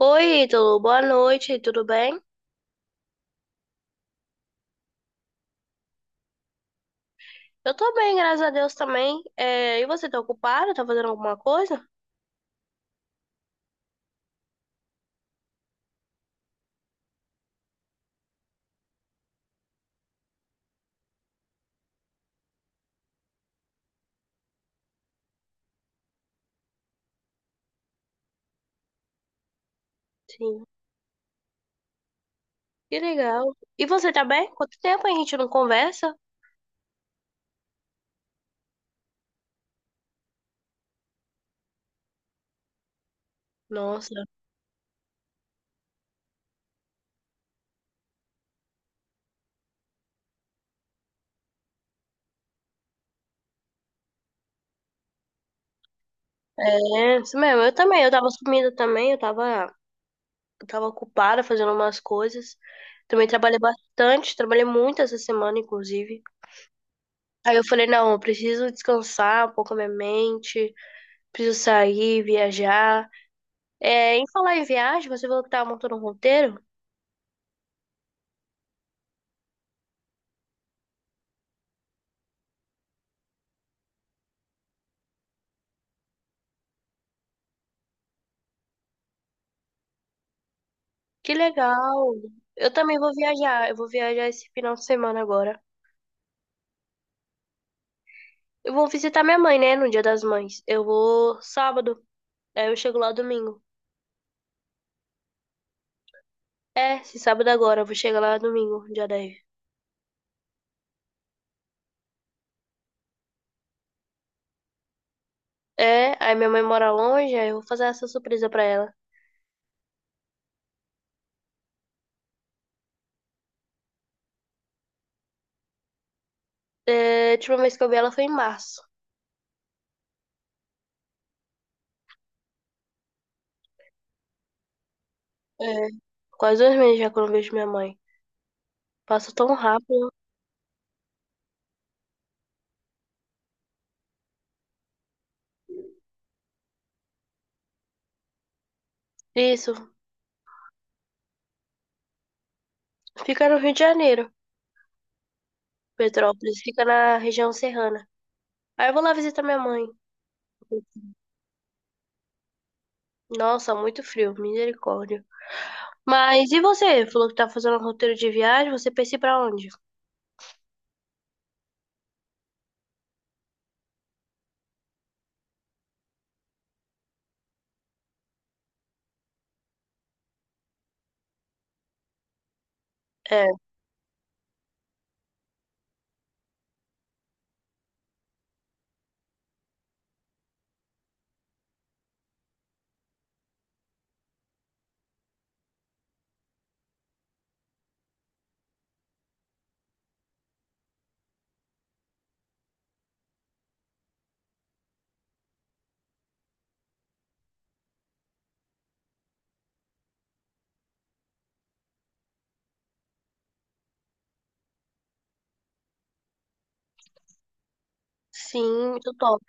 Oi, Ítalo, boa noite, tudo bem? Eu tô bem, graças a Deus também. É, e você tá ocupado? Tá fazendo alguma coisa? Sim. Que legal. E você tá bem? Quanto tempo a gente não conversa? Nossa, é isso mesmo, eu também. Eu tava sumida também, eu tava ocupada fazendo umas coisas. Também trabalhei bastante, trabalhei muito essa semana, inclusive. Aí eu falei, não, eu preciso descansar um pouco a minha mente, preciso sair, viajar. É, em falar em viagem, você falou que tava montando um roteiro? Que legal! Eu também vou viajar. Eu vou viajar esse final de semana agora. Eu vou visitar minha mãe, né? No Dia das Mães. Eu vou sábado. Aí eu chego lá domingo. É, se sábado agora, eu vou chegar lá domingo, dia 10. É, aí minha mãe mora longe, aí eu vou fazer essa surpresa pra ela. É, a última vez que eu vi ela foi em março. É, quase 2 meses já que eu não vejo minha mãe. Passa tão rápido. Isso, fica no Rio de Janeiro, Petrópolis, fica na região serrana. Aí eu vou lá visitar minha mãe. Nossa, muito frio, misericórdia. Mas e você? Falou que tá fazendo um roteiro de viagem, você pensa em ir pra onde? É, sim, muito top.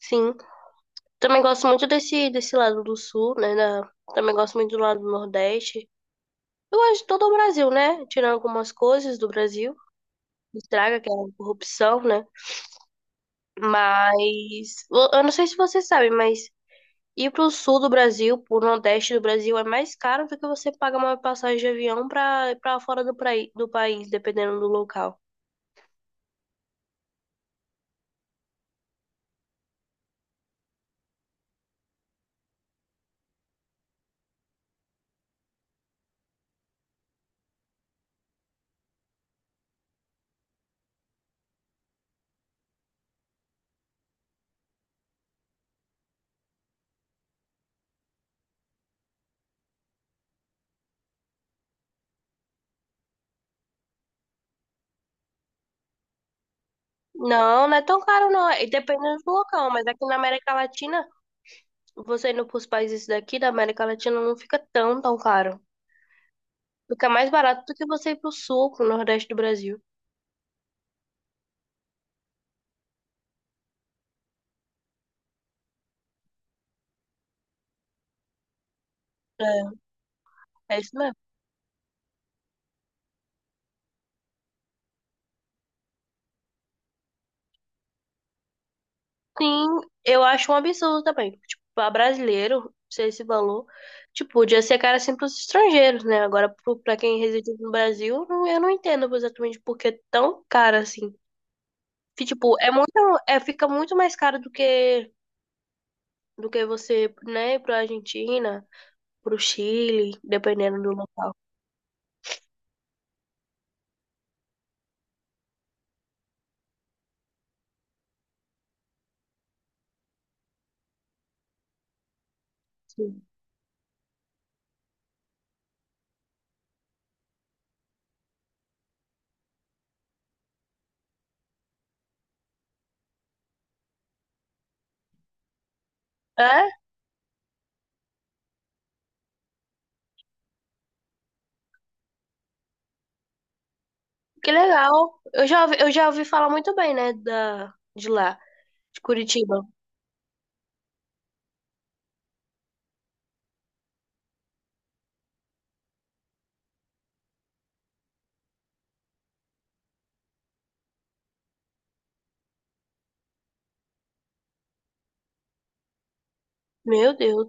Sim. Também gosto muito desse lado do sul, né? Também gosto muito do lado do Nordeste. Eu gosto de todo o Brasil, né? Tirando algumas coisas do Brasil, que estraga, que é a corrupção, né? Mas eu não sei se você sabe, mas ir pro sul do Brasil, pro Nordeste do Brasil, é mais caro do que você pagar uma passagem de avião pra fora do país, dependendo do local. Não, não é tão caro não. E depende do local, mas aqui na América Latina, você indo pros países daqui da América Latina não fica tão, tão caro. Fica mais barato do que você ir pro sul, pro nordeste do Brasil. É, é isso mesmo. Sim, eu acho um absurdo também. Tipo, pra brasileiro, ser esse valor, tipo, podia ser caro assim pros estrangeiros, né? Agora, pra quem reside no Brasil, eu não entendo exatamente por que é tão caro assim. Que, tipo, é muito, é, fica muito mais caro do que você, né, ir pra Argentina. Pro Chile, dependendo do local. Sim. É? Que legal. Eu já ouvi falar muito bem, né, de lá, de Curitiba. Meu Deus,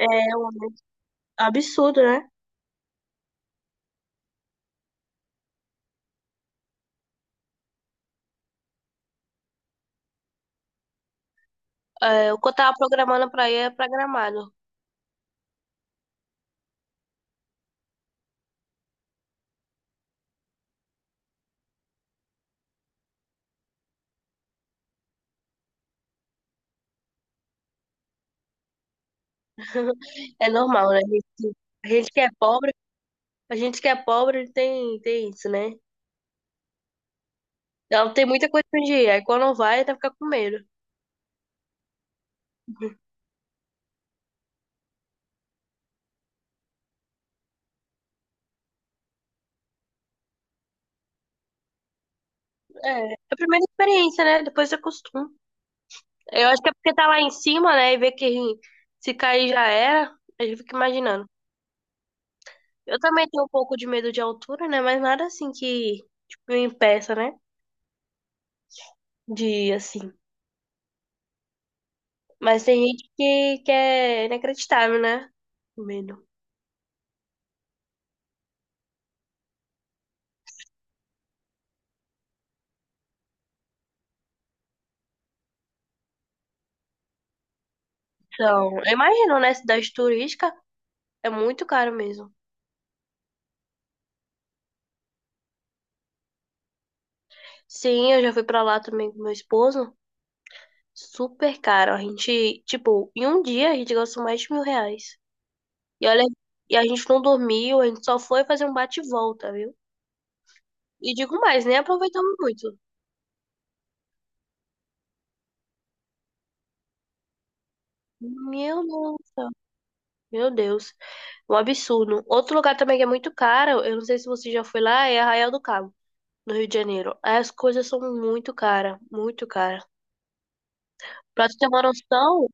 é um absurdo, né? É, o que eu tava programando pra ir é pra Gramado. É normal, né? A gente que é pobre, a gente que é pobre tem, tem isso, né? Então tem muita coisa pra onde ir. Aí quando vai, até fica com medo. É, é a primeira experiência, né? Depois você acostuma. Eu acho que é porque tá lá em cima, né? E vê que se cair já era, a gente fica imaginando. Eu também tenho um pouco de medo de altura, né? Mas nada assim que, tipo, me impeça, né? De, assim. Mas tem gente que é inacreditável, né? O medo. Então, eu imagino, né? Cidade turística é muito caro mesmo. Sim, eu já fui pra lá também com meu esposo. Super caro. A gente, tipo, em um dia a gente gastou mais de R$ 1.000. E olha, e a gente não dormiu, a gente só foi fazer um bate e volta, viu? E digo mais, nem aproveitamos muito. Meu Deus. Meu Deus. Um absurdo. Outro lugar também que é muito caro, eu não sei se você já foi lá, é Arraial do Cabo, no Rio de Janeiro. As coisas são muito caras, muito caras. Pra tu ter uma noção,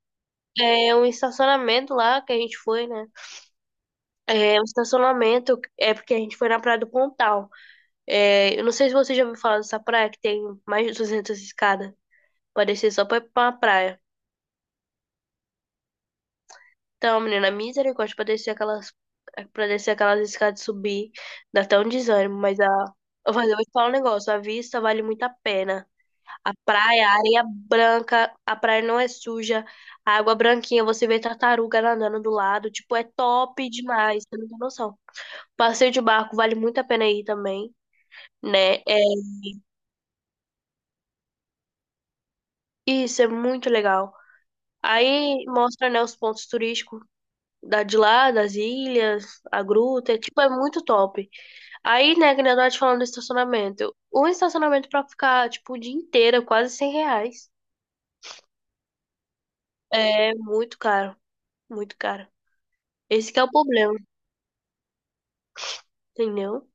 é um estacionamento lá que a gente foi, né? É um estacionamento, é porque a gente foi na Praia do Pontal. É, eu não sei se você já ouviu falar dessa praia que tem mais de 200 escadas. Parecia só pra uma praia. Então, menina, misericórdia pra descer aquelas, escadas e subir, dá até um desânimo, mas a, eu vou te falar um negócio, a vista vale muito a pena. A praia, a areia branca, a praia não é suja, a água branquinha, você vê tartaruga nadando do lado, tipo, é top demais, você não tem noção. Passeio de barco vale muito a pena ir também, né? É, isso é muito legal. Aí mostra, né, os pontos turísticos de lá, das ilhas, a gruta, é, tipo, é muito top. Aí, né, que nem eu tava te falando do estacionamento. Um estacionamento pra ficar, tipo, o dia inteiro, é quase R$ 100. É muito caro, muito caro. Esse que é o problema, entendeu?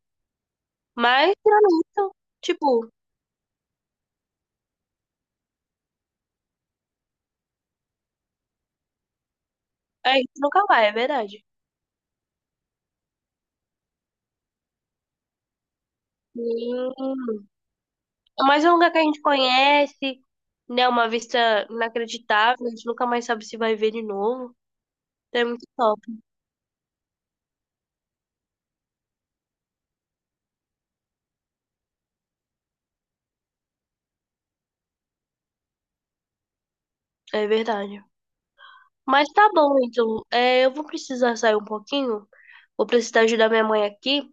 Mas, tirando isso, tipo, a gente nunca vai, é verdade. Hum, mas é um lugar que a gente conhece, né, uma vista inacreditável, a gente nunca mais sabe se vai ver de novo. É muito top, é verdade. Mas tá bom, então, é, eu vou precisar sair um pouquinho, vou precisar ajudar minha mãe aqui.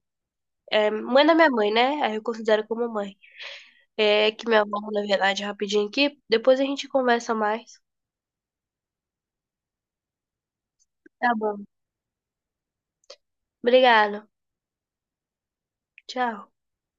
É, mãe da minha mãe, né? Aí eu considero como mãe. É que minha avó, na verdade, rapidinho aqui. Depois a gente conversa mais. Tá bom. Obrigada. Tchau.